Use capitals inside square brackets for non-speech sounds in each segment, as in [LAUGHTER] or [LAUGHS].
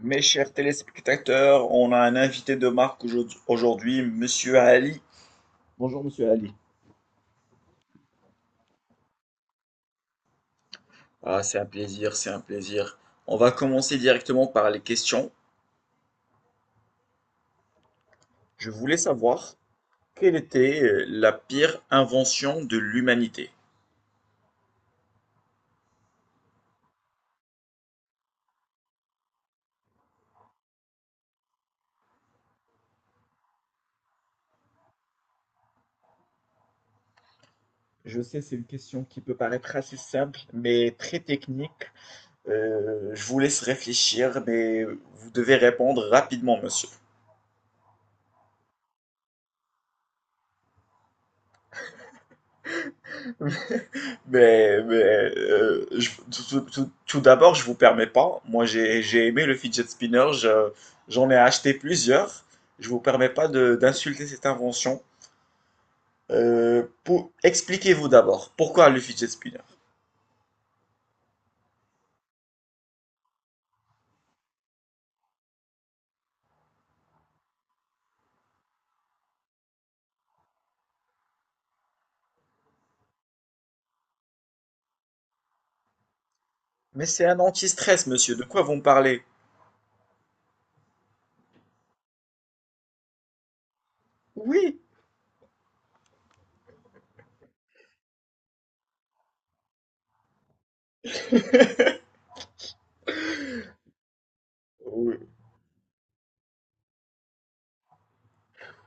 Mes chers téléspectateurs, on a un invité de marque aujourd'hui, Monsieur Ali. Bonjour Monsieur Ali. Ah, c'est un plaisir, c'est un plaisir. On va commencer directement par les questions. Je voulais savoir quelle était la pire invention de l'humanité. Je sais, c'est une question qui peut paraître assez simple, mais très technique. Je vous laisse réfléchir, mais vous devez répondre rapidement, monsieur. Tout d'abord, je vous permets pas. Moi, j'ai aimé le fidget spinner. J'en ai acheté plusieurs. Je vous permets pas d'insulter cette invention. Pour, expliquez-vous d'abord pourquoi le fidget spinner. Mais c'est un anti-stress, monsieur. De quoi vous me parlez? Oui. Oui.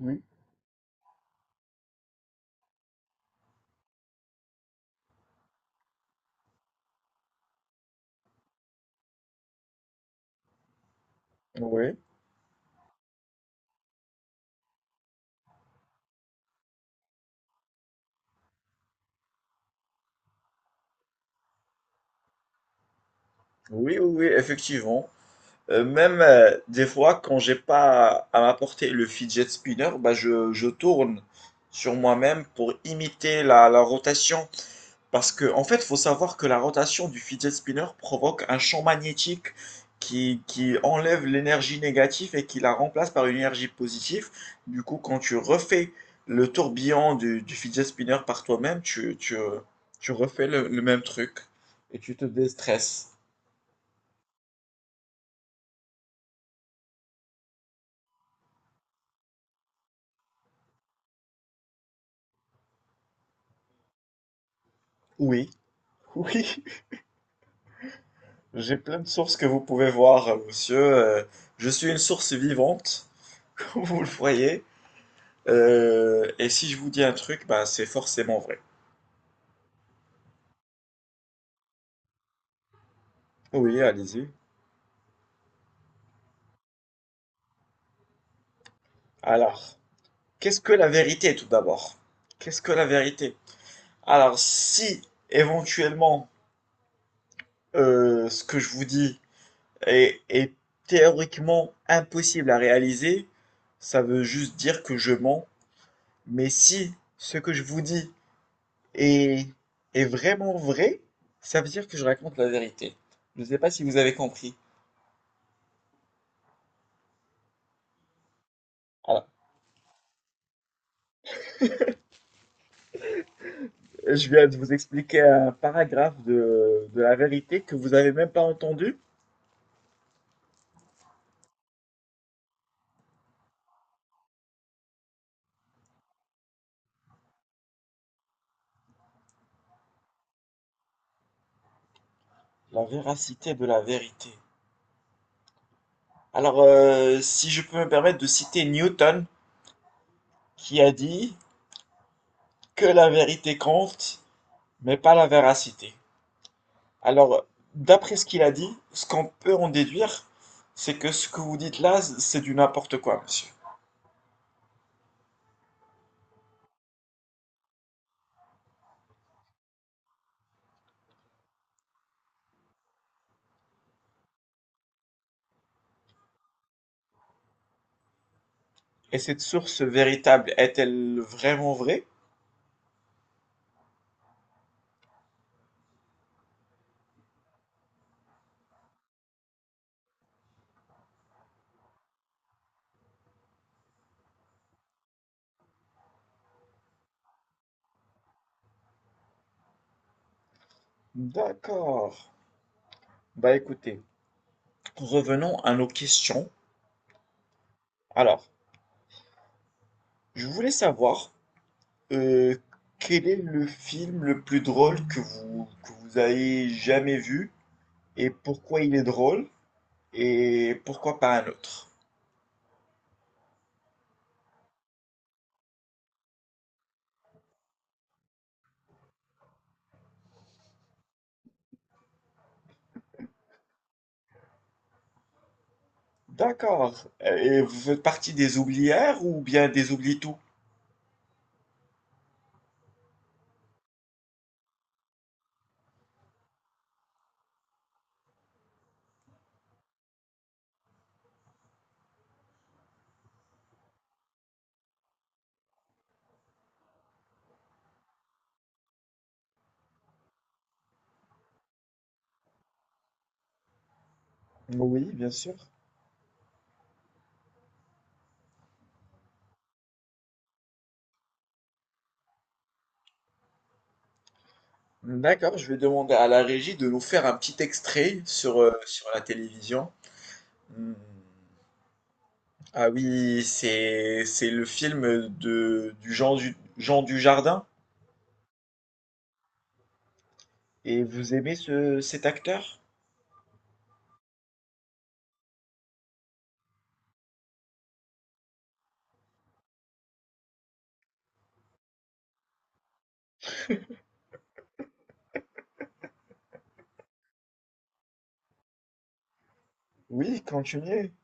Oui. Oui. Oui. Oui. Oui, effectivement. Même Des fois, quand j'ai pas à m'apporter le fidget spinner, je tourne sur moi-même pour imiter la rotation. Parce que, en fait, faut savoir que la rotation du fidget spinner provoque un champ magnétique qui enlève l'énergie négative et qui la remplace par une énergie positive. Du coup, quand tu refais le tourbillon du fidget spinner par toi-même, tu refais le même truc et tu te déstresses. Oui. Oui. J'ai plein de sources que vous pouvez voir, monsieur. Je suis une source vivante, [LAUGHS] comme vous le voyez. Et si je vous dis un truc, c'est forcément vrai. Oui, allez-y. Alors, qu'est-ce que la vérité tout d'abord? Qu'est-ce que la vérité? Alors, si éventuellement ce que je vous dis est théoriquement impossible à réaliser, ça veut juste dire que je mens. Mais si ce que je vous dis Et, et vraiment vrai, ça veut dire que je raconte la vérité. Je ne sais pas si vous avez compris. Alors, je viens de vous expliquer un paragraphe de la vérité que vous n'avez même pas entendu. La véracité de la vérité. Alors, si je peux me permettre de citer Newton, qui a dit que la vérité compte, mais pas la véracité. Alors, d'après ce qu'il a dit, ce qu'on peut en déduire, c'est que ce que vous dites là, c'est du n'importe quoi, monsieur. Et cette source véritable est-elle vraiment vraie? D'accord. Bah écoutez, revenons à nos questions. Alors, je voulais savoir euh, quel est le film le plus drôle que que vous ayez jamais vu et pourquoi il est drôle et pourquoi pas un autre. D'accord. Et vous faites partie des oublières ou bien des oublie-tout? Oui, bien sûr. D'accord, je vais demander à la régie de nous faire un petit extrait sur, sur la télévision. Mmh. Ah oui, c'est le film de du Jean Dujardin. Et vous aimez ce cet acteur? Oui, continuez.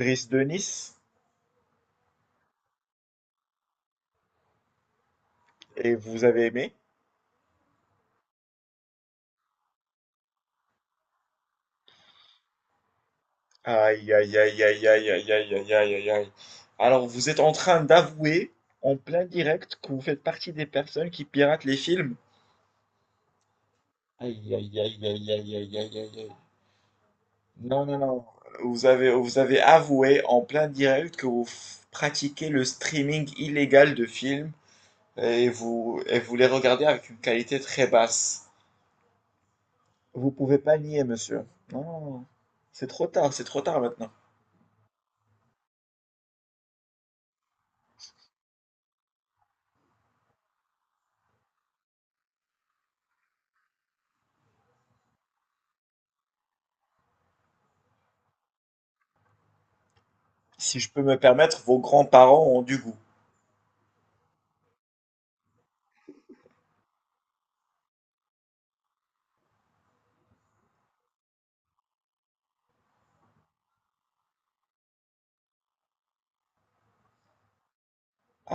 Brice de Nice. Et vous avez aimé? Aïe aïe aïe aïe aïe aïe aïe aïe aïe aïe aïe. Alors vous êtes en train d'avouer en plein direct que vous faites partie des personnes qui piratent les films? Aïe aïe aïe aïe aïe aïe aïe aïe aïe. Non, non, non. Vous avez avoué en plein direct que vous pratiquez le streaming illégal de films et vous les regardez avec une qualité très basse. Vous pouvez pas nier, monsieur. Non, non, non. C'est trop tard, c'est trop tard maintenant. Si je peux me permettre, vos grands-parents ont du goût.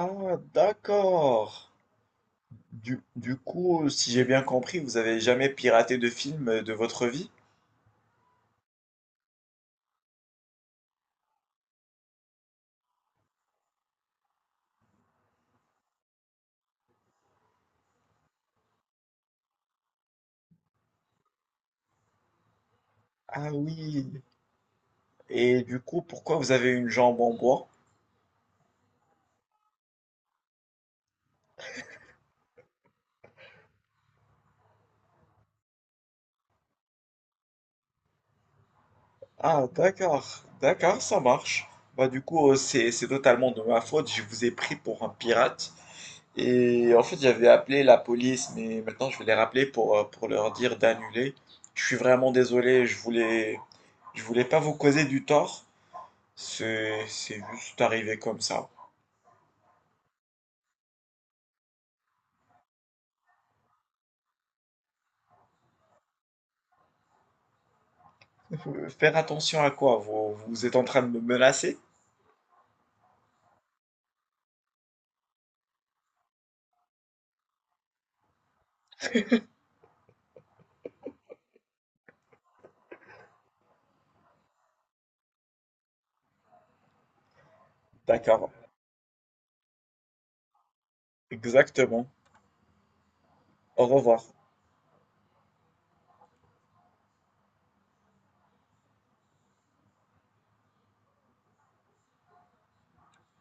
Ah, d'accord. Du coup, si j'ai bien compris, vous avez jamais piraté de film de votre vie? Ah oui. Et du coup, pourquoi vous avez une jambe en bois? Ah, d'accord, d'accord, ça marche. Bah, du coup, c'est totalement de ma faute. Je vous ai pris pour un pirate. Et en fait, j'avais appelé la police, mais maintenant je vais les rappeler pour leur dire d'annuler. Je suis vraiment désolé, je voulais pas vous causer du tort. C'est juste arrivé comme ça. Faire attention à quoi? Vous êtes en train de me menacer? D'accord, exactement. Au revoir.